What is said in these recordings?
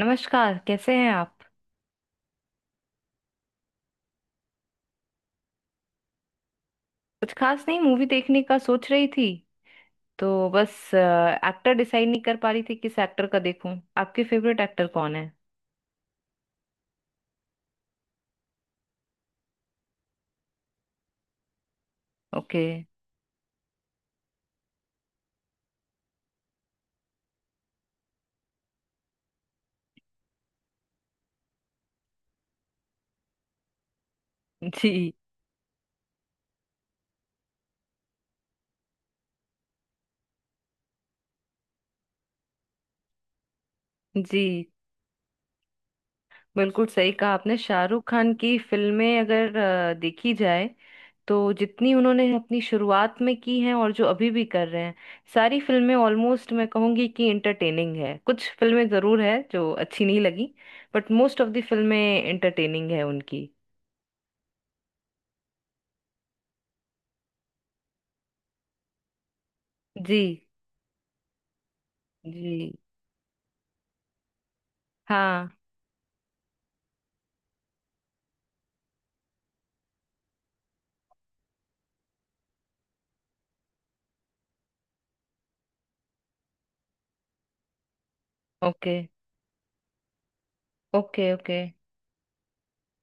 नमस्कार, कैसे हैं आप। कुछ खास नहीं, मूवी देखने का सोच रही थी, तो बस एक्टर डिसाइड नहीं कर पा रही थी किस एक्टर का देखूं। आपके फेवरेट एक्टर कौन है। ओके। जी। जी, बिल्कुल सही कहा आपने। शाहरुख खान की फिल्में अगर देखी जाए तो जितनी उन्होंने अपनी शुरुआत में की हैं और जो अभी भी कर रहे हैं, सारी फिल्में ऑलमोस्ट मैं कहूंगी कि इंटरटेनिंग है। कुछ फिल्में जरूर है जो अच्छी नहीं लगी, बट मोस्ट ऑफ द फिल्में इंटरटेनिंग है उनकी। जी। जी। हाँ। ओके। ओके। ओके।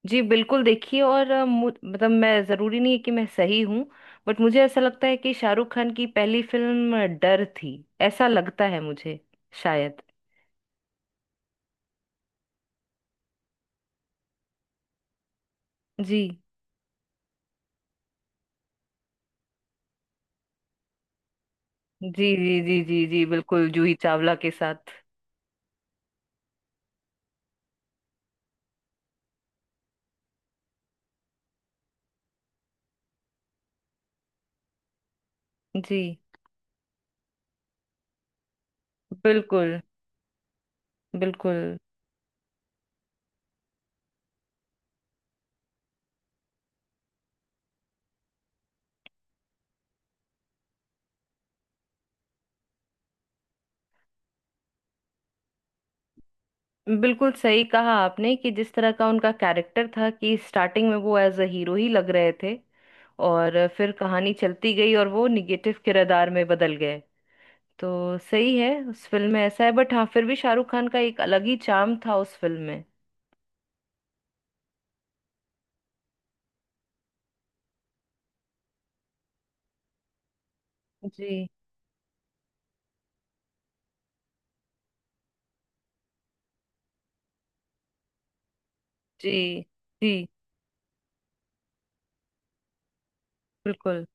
जी, बिल्कुल, देखिए, और मतलब, मैं ज़रूरी नहीं है कि मैं सही हूँ, बट मुझे ऐसा लगता है कि शाहरुख खान की पहली फिल्म डर थी। ऐसा लगता है मुझे, शायद। जी जी जी जी जी जी, बिल्कुल, जूही चावला के साथ। जी। बिल्कुल। बिल्कुल। बिल्कुल सही कहा आपने कि जिस तरह का उनका कैरेक्टर था कि स्टार्टिंग में वो एज अ हीरो ही लग रहे थे, और फिर कहानी चलती गई और वो निगेटिव किरदार में बदल गए। तो सही है, उस फिल्म में ऐसा है, बट हाँ, फिर भी शाहरुख खान का एक अलग ही चार्म था उस फिल्म में। जी जी जी। बिल्कुल।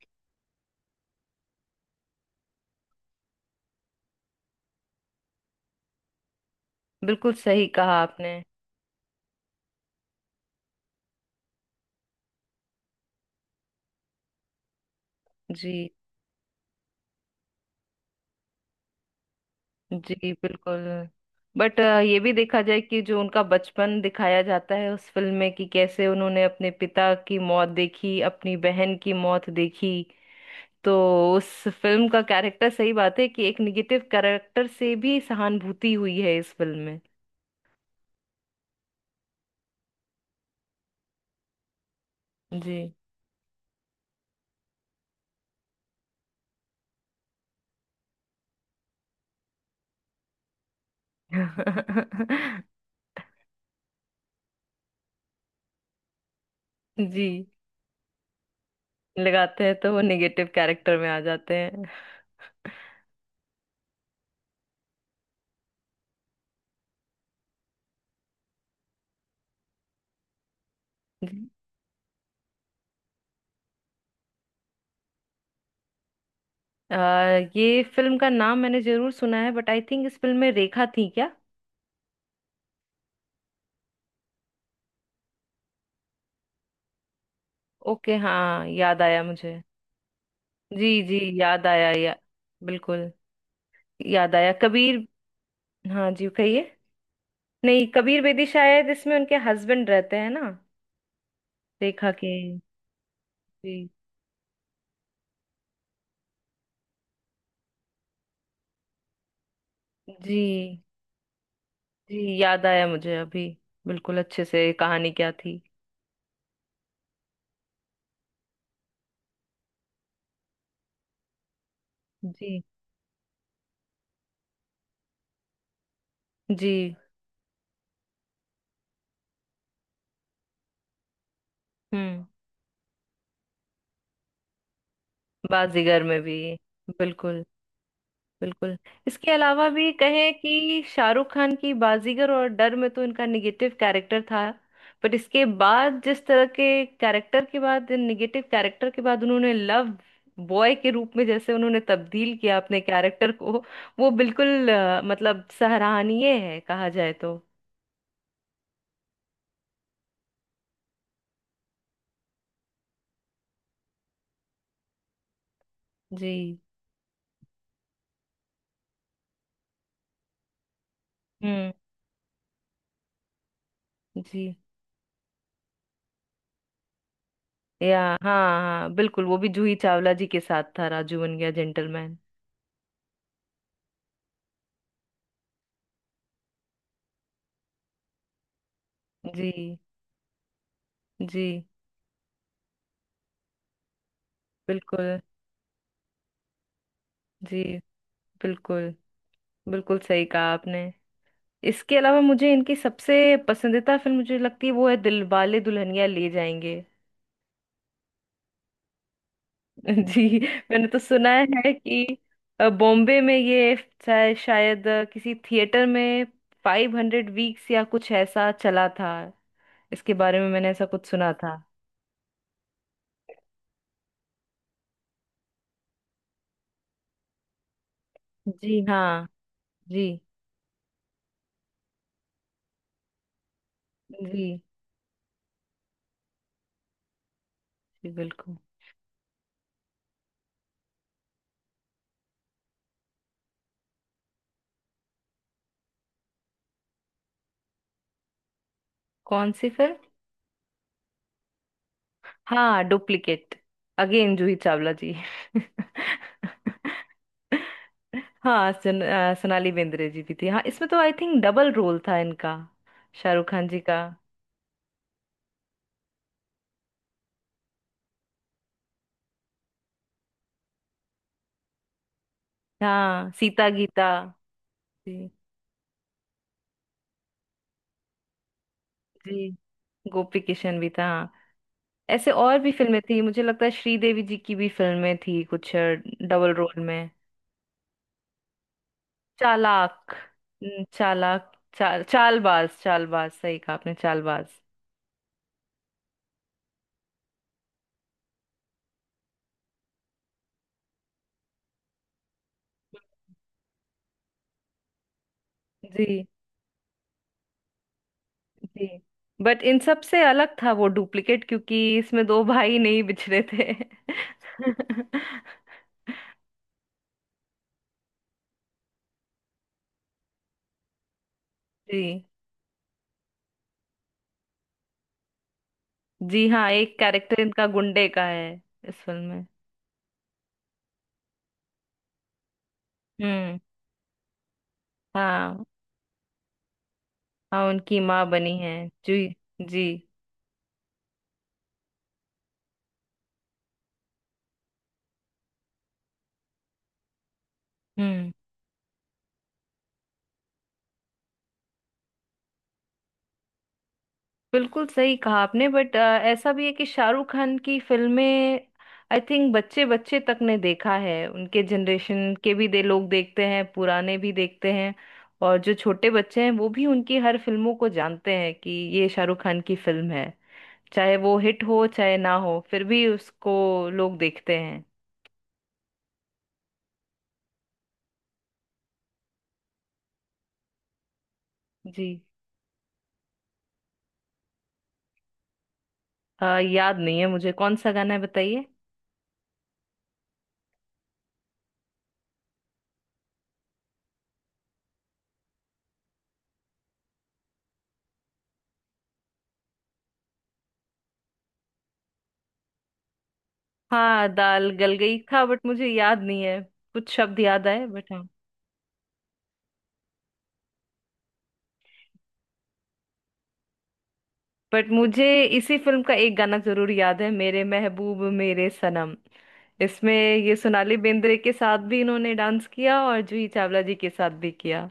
बिल्कुल सही कहा आपने। जी। जी, बिल्कुल। बट ये भी देखा जाए कि जो उनका बचपन दिखाया जाता है उस फिल्म में कि कैसे उन्होंने अपने पिता की मौत देखी, अपनी बहन की मौत देखी, तो उस फिल्म का कैरेक्टर सही बात है कि एक निगेटिव कैरेक्टर से भी सहानुभूति हुई है इस फिल्म में। जी। जी। लगाते हैं तो वो नेगेटिव कैरेक्टर में आ जाते हैं। जी। आ, ये फिल्म का नाम मैंने जरूर सुना है, बट आई थिंक इस फिल्म में रेखा थी क्या। ओके, हाँ, याद आया मुझे। जी जी, याद आया। या, बिल्कुल, याद आया, कबीर। हाँ जी, कहिए। नहीं, कबीर बेदी शायद इसमें उनके हस्बैंड रहते हैं ना, रेखा के। जी। जी जी, याद आया मुझे अभी। बिल्कुल, अच्छे से कहानी क्या थी। जी। जी। हम्म। बाजीगर में भी, बिल्कुल। बिल्कुल। इसके अलावा भी कहें कि शाहरुख खान की बाजीगर और डर में तो इनका निगेटिव कैरेक्टर था, बट इसके बाद जिस तरह के कैरेक्टर के बाद, इन निगेटिव कैरेक्टर के बाद, उन्होंने लव बॉय के रूप में जैसे उन्होंने तब्दील किया अपने कैरेक्टर को, वो बिल्कुल मतलब सराहनीय है कहा जाए तो। जी। हम्म। जी। या, हाँ। हाँ, बिल्कुल, वो भी जूही चावला जी के साथ था, राजू बन गया जेंटलमैन। जी। जी। बिल्कुल। जी। बिल्कुल। बिल्कुल सही कहा आपने। इसके अलावा मुझे इनकी सबसे पसंदीदा फिल्म मुझे लगती है वो है दिलवाले दुल्हनिया ले जाएंगे। जी। मैंने तो सुना है कि बॉम्बे में ये शायद किसी थिएटर में 500 वीक्स या कुछ ऐसा चला था। इसके बारे में मैंने ऐसा कुछ सुना था। जी हाँ। जी। जी। जी, बिल्कुल। कौन सी फिल्म। हाँ, डुप्लीकेट, अगेन जूही चावला जी। हाँ, सोनाली बेंद्रे जी भी थी, हाँ, इसमें तो आई थिंक डबल रोल था इनका, शाहरुख खान जी का। हाँ, सीता गीता। जी जी, गोपी किशन भी था, हाँ। ऐसे और भी फिल्में थी, मुझे लगता है श्रीदेवी जी की भी फिल्में थी कुछ डबल रोल में। चालाक। चालाक, चालबाज, चालबाज, सही कहा आपने, चालबाज। जी। जी। बट इन सब से अलग था वो डुप्लीकेट, क्योंकि इसमें दो भाई नहीं बिछड़े थे। जी। जी, हाँ, एक कैरेक्टर इनका गुंडे का है इस फिल्म में। हम्म। हाँ। हाँ, उनकी माँ बनी है। जी। जी। हम्म। बिल्कुल सही कहा आपने, बट ऐसा भी है कि शाहरुख खान की फिल्में आई थिंक बच्चे बच्चे तक ने देखा है, उनके जनरेशन के भी दे लोग देखते हैं, पुराने भी देखते हैं, और जो छोटे बच्चे हैं वो भी उनकी हर फिल्मों को जानते हैं कि ये शाहरुख खान की फिल्म है। चाहे वो हिट हो चाहे ना हो, फिर भी उसको लोग देखते हैं। जी। याद नहीं है मुझे, कौन सा गाना है बताइए। हाँ, दाल गल गई था, बट मुझे याद नहीं है, कुछ शब्द याद आए, बट हाँ। बट मुझे इसी फिल्म का एक गाना जरूर याद है, मेरे महबूब मेरे सनम। इसमें ये सोनाली बेंद्रे के साथ भी इन्होंने डांस किया और जूही चावला जी के साथ भी किया।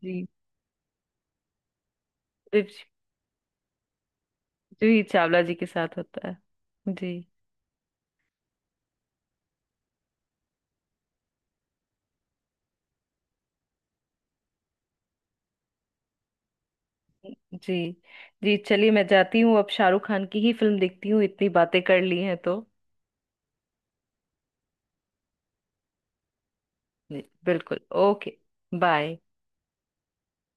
जी। जूही, जूही चावला जी के साथ होता है। जी जी जी, चलिए मैं जाती हूँ, अब शाहरुख खान की ही फिल्म देखती हूँ, इतनी बातें कर ली हैं तो। जी, बिल्कुल। Okay, bye.